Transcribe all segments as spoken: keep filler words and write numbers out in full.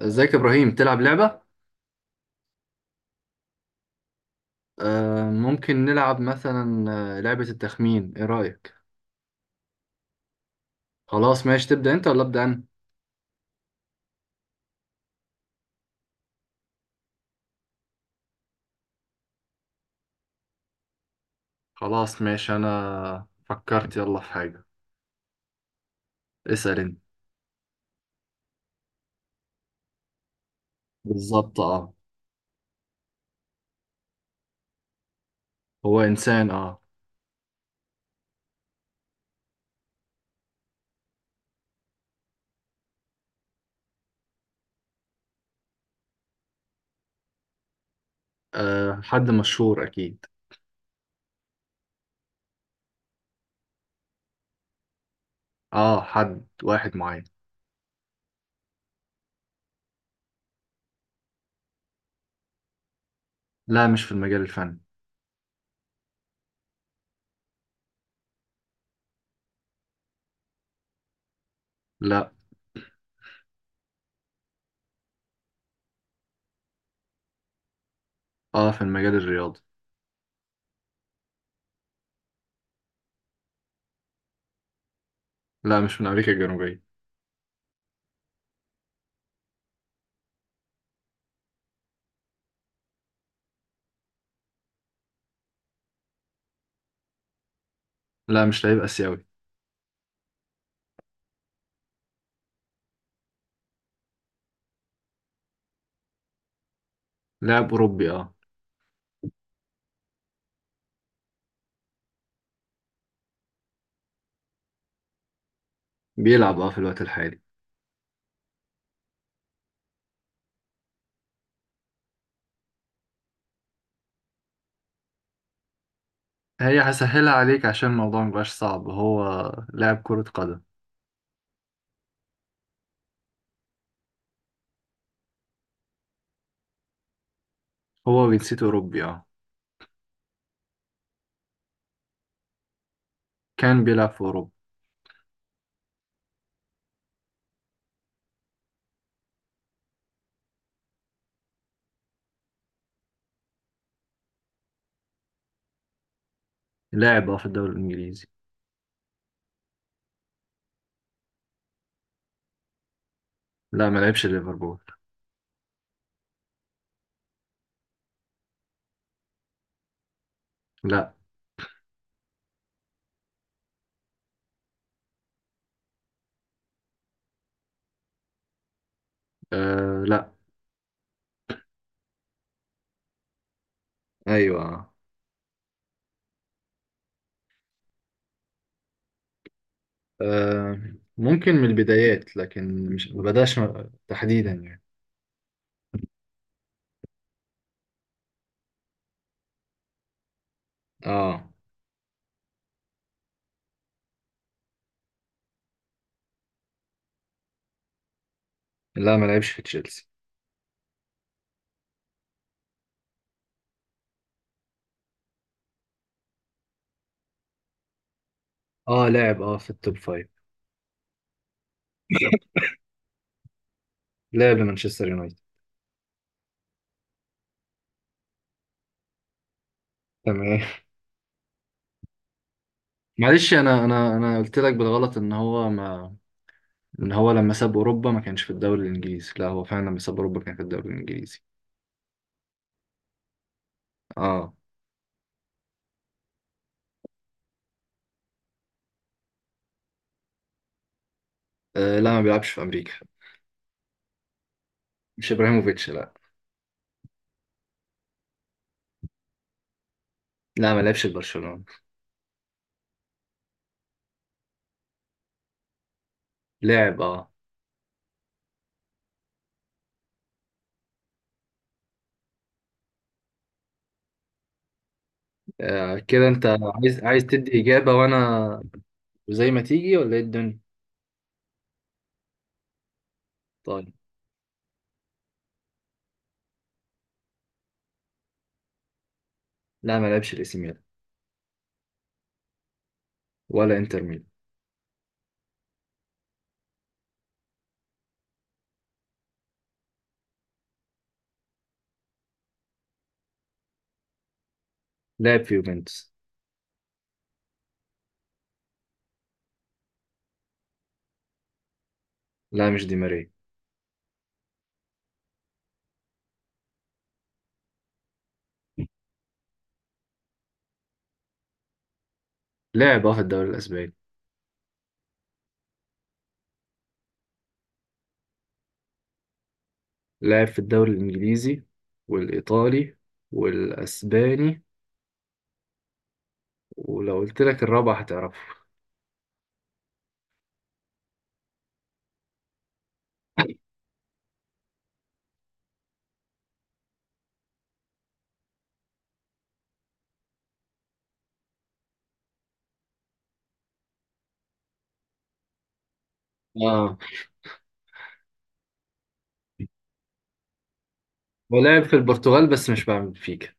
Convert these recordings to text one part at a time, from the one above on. ازيك يا ابراهيم؟ تلعب لعبة؟ آه ممكن نلعب مثلا. آه، لعبة التخمين، ايه رأيك؟ خلاص ماشي، تبدأ انت ولا ابدأ انا؟ خلاص ماشي، انا فكرت يلا في حاجة، اسأل انت. بالظبط اه. هو انسان اه, آه حد مشهور اكيد. اه حد واحد معين. لا، مش في المجال الفني. لا، اه في المجال الرياضي. لا مش من امريكا الجنوبية. لا مش لاعب اسيوي. لاعب اوروبي اه. بيلعب اه في الوقت الحالي. هي هسهلها عليك عشان الموضوع مبقاش صعب، هو لاعب كرة قدم. هو جنسيته أوروبي اه. كان بيلعب في أوروبا. لاعب اه في الدوري الإنجليزي. لا ما لعبش ليفربول. لا. آه لا. أيوة آه. آه، ممكن من البدايات، لكن مش ما بداش م- تحديدا يعني. اه. لا ما لعبش في تشيلسي. اه لاعب اه في التوب فايف. لاعب لمانشستر يونايتد. تمام. معلش، انا انا انا قلت لك بالغلط ان هو ما، ان هو لما ساب اوروبا ما كانش في الدوري الانجليزي. لا هو فعلا لما ساب اوروبا كان في الدوري الانجليزي. اه, آه لا ما بيلعبش في امريكا. مش ابراهيموفيتش لا. لا ما لعبش في برشلونة. لعب اه, آه كده انت عايز، عايز تدي اجابة وانا وزي ما تيجي ولا ايه الدنيا؟ طيب. لا ما لعبش الاي سي ميلان. ولا انتر ميلان. لعب في يوفنتوس. لا مش دي ماريا. لعب اه في الدوري الاسباني. لعب في الدوري الانجليزي والايطالي والاسباني، ولو قلت لك الرابع هتعرفه. اه هو لاعب في البرتغال بس مش بعمل فيك.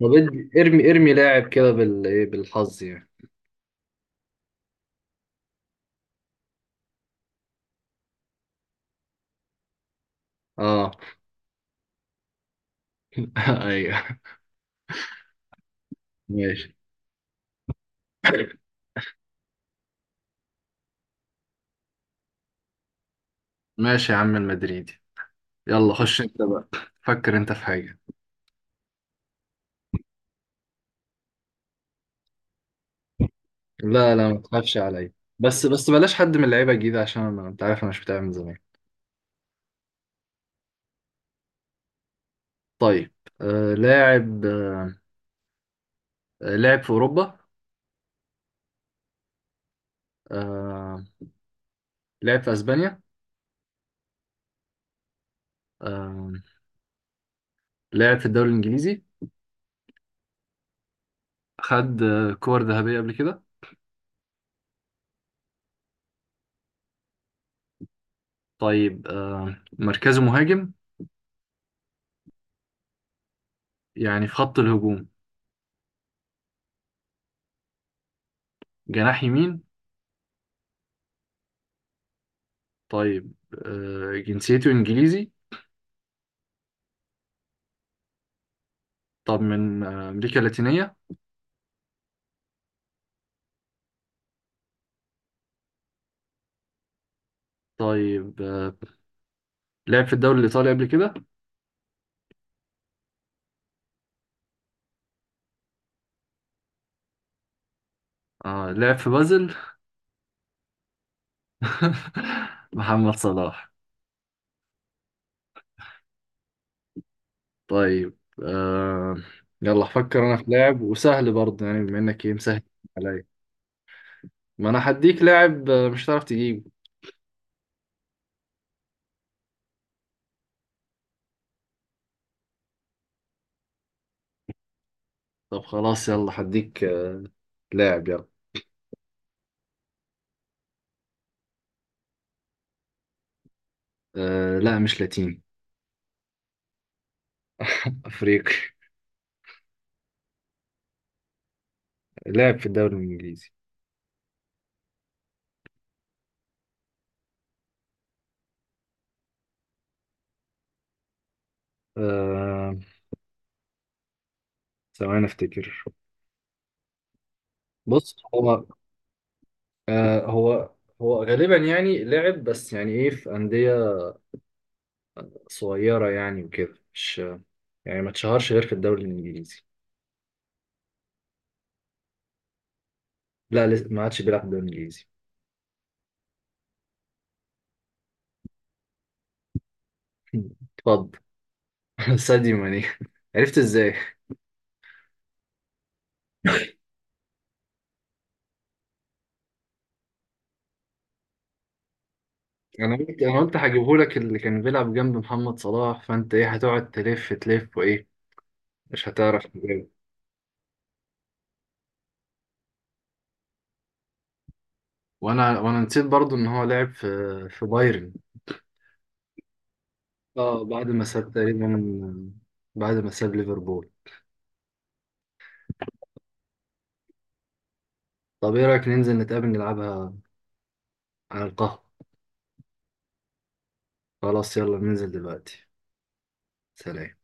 طب ادي- ارمي ارمي لاعب كده بال ايه، بالحظ يعني. اه. ايوه. ماشي. ماشي يا عم المدريدي. يلا خش انت بقى، فكر انت في حاجة. لا لا ما تخافش عليا. بس بس بلاش حد من اللعيبة الجديدة، عشان انا انت عارف انا مش بتاع من زمان. طيب. آه لاعب آه، لاعب في اوروبا. آه لاعب في اسبانيا. آه لاعب في الدوري الانجليزي. خد آه كور ذهبية قبل كده؟ طيب آه مركزه مهاجم. يعني في خط الهجوم. جناح يمين. طيب، آه، جنسيته إنجليزي. طب من آه، أمريكا اللاتينية. طيب، آه، لعب في الدوري الإيطالي قبل كده. آه، لعب في بازل. محمد صلاح. طيب. آه، يلا أفكر أنا في لاعب، وسهل برضه يعني بما إنك إيه مسهل عليا. ما أنا هديك لاعب آه، مش هتعرف تجيبه. طب خلاص يلا هديك آه، لاعب يلا. آه، لا مش لاتيني. أفريقي. لعب في الدوري الإنجليزي. آه، ثواني أفتكر. بص هو، آه هو، هو غالبا يعني لعب بس يعني ايه في أندية صغيرة يعني وكده، مش يعني ما اتشهرش غير في الدوري الإنجليزي. لا لسه ما عادش بيلعب في الدوري الإنجليزي. اتفضل. ساديو ماني. عرفت ازاي؟ انا قلت، انا قلت هجيبه لك اللي كان بيلعب جنب محمد صلاح، فانت ايه هتقعد تلف تلف وايه، مش هتعرف تجاوب. وانا وانا نسيت برضو ان هو لعب في، في بايرن. اه بعد ما ساب تقريبا، بعد ما ساب ليفربول. طب ايه رايك ننزل نتقابل نلعبها على القهوة؟ خلاص يلا ننزل دلوقتي. سلام.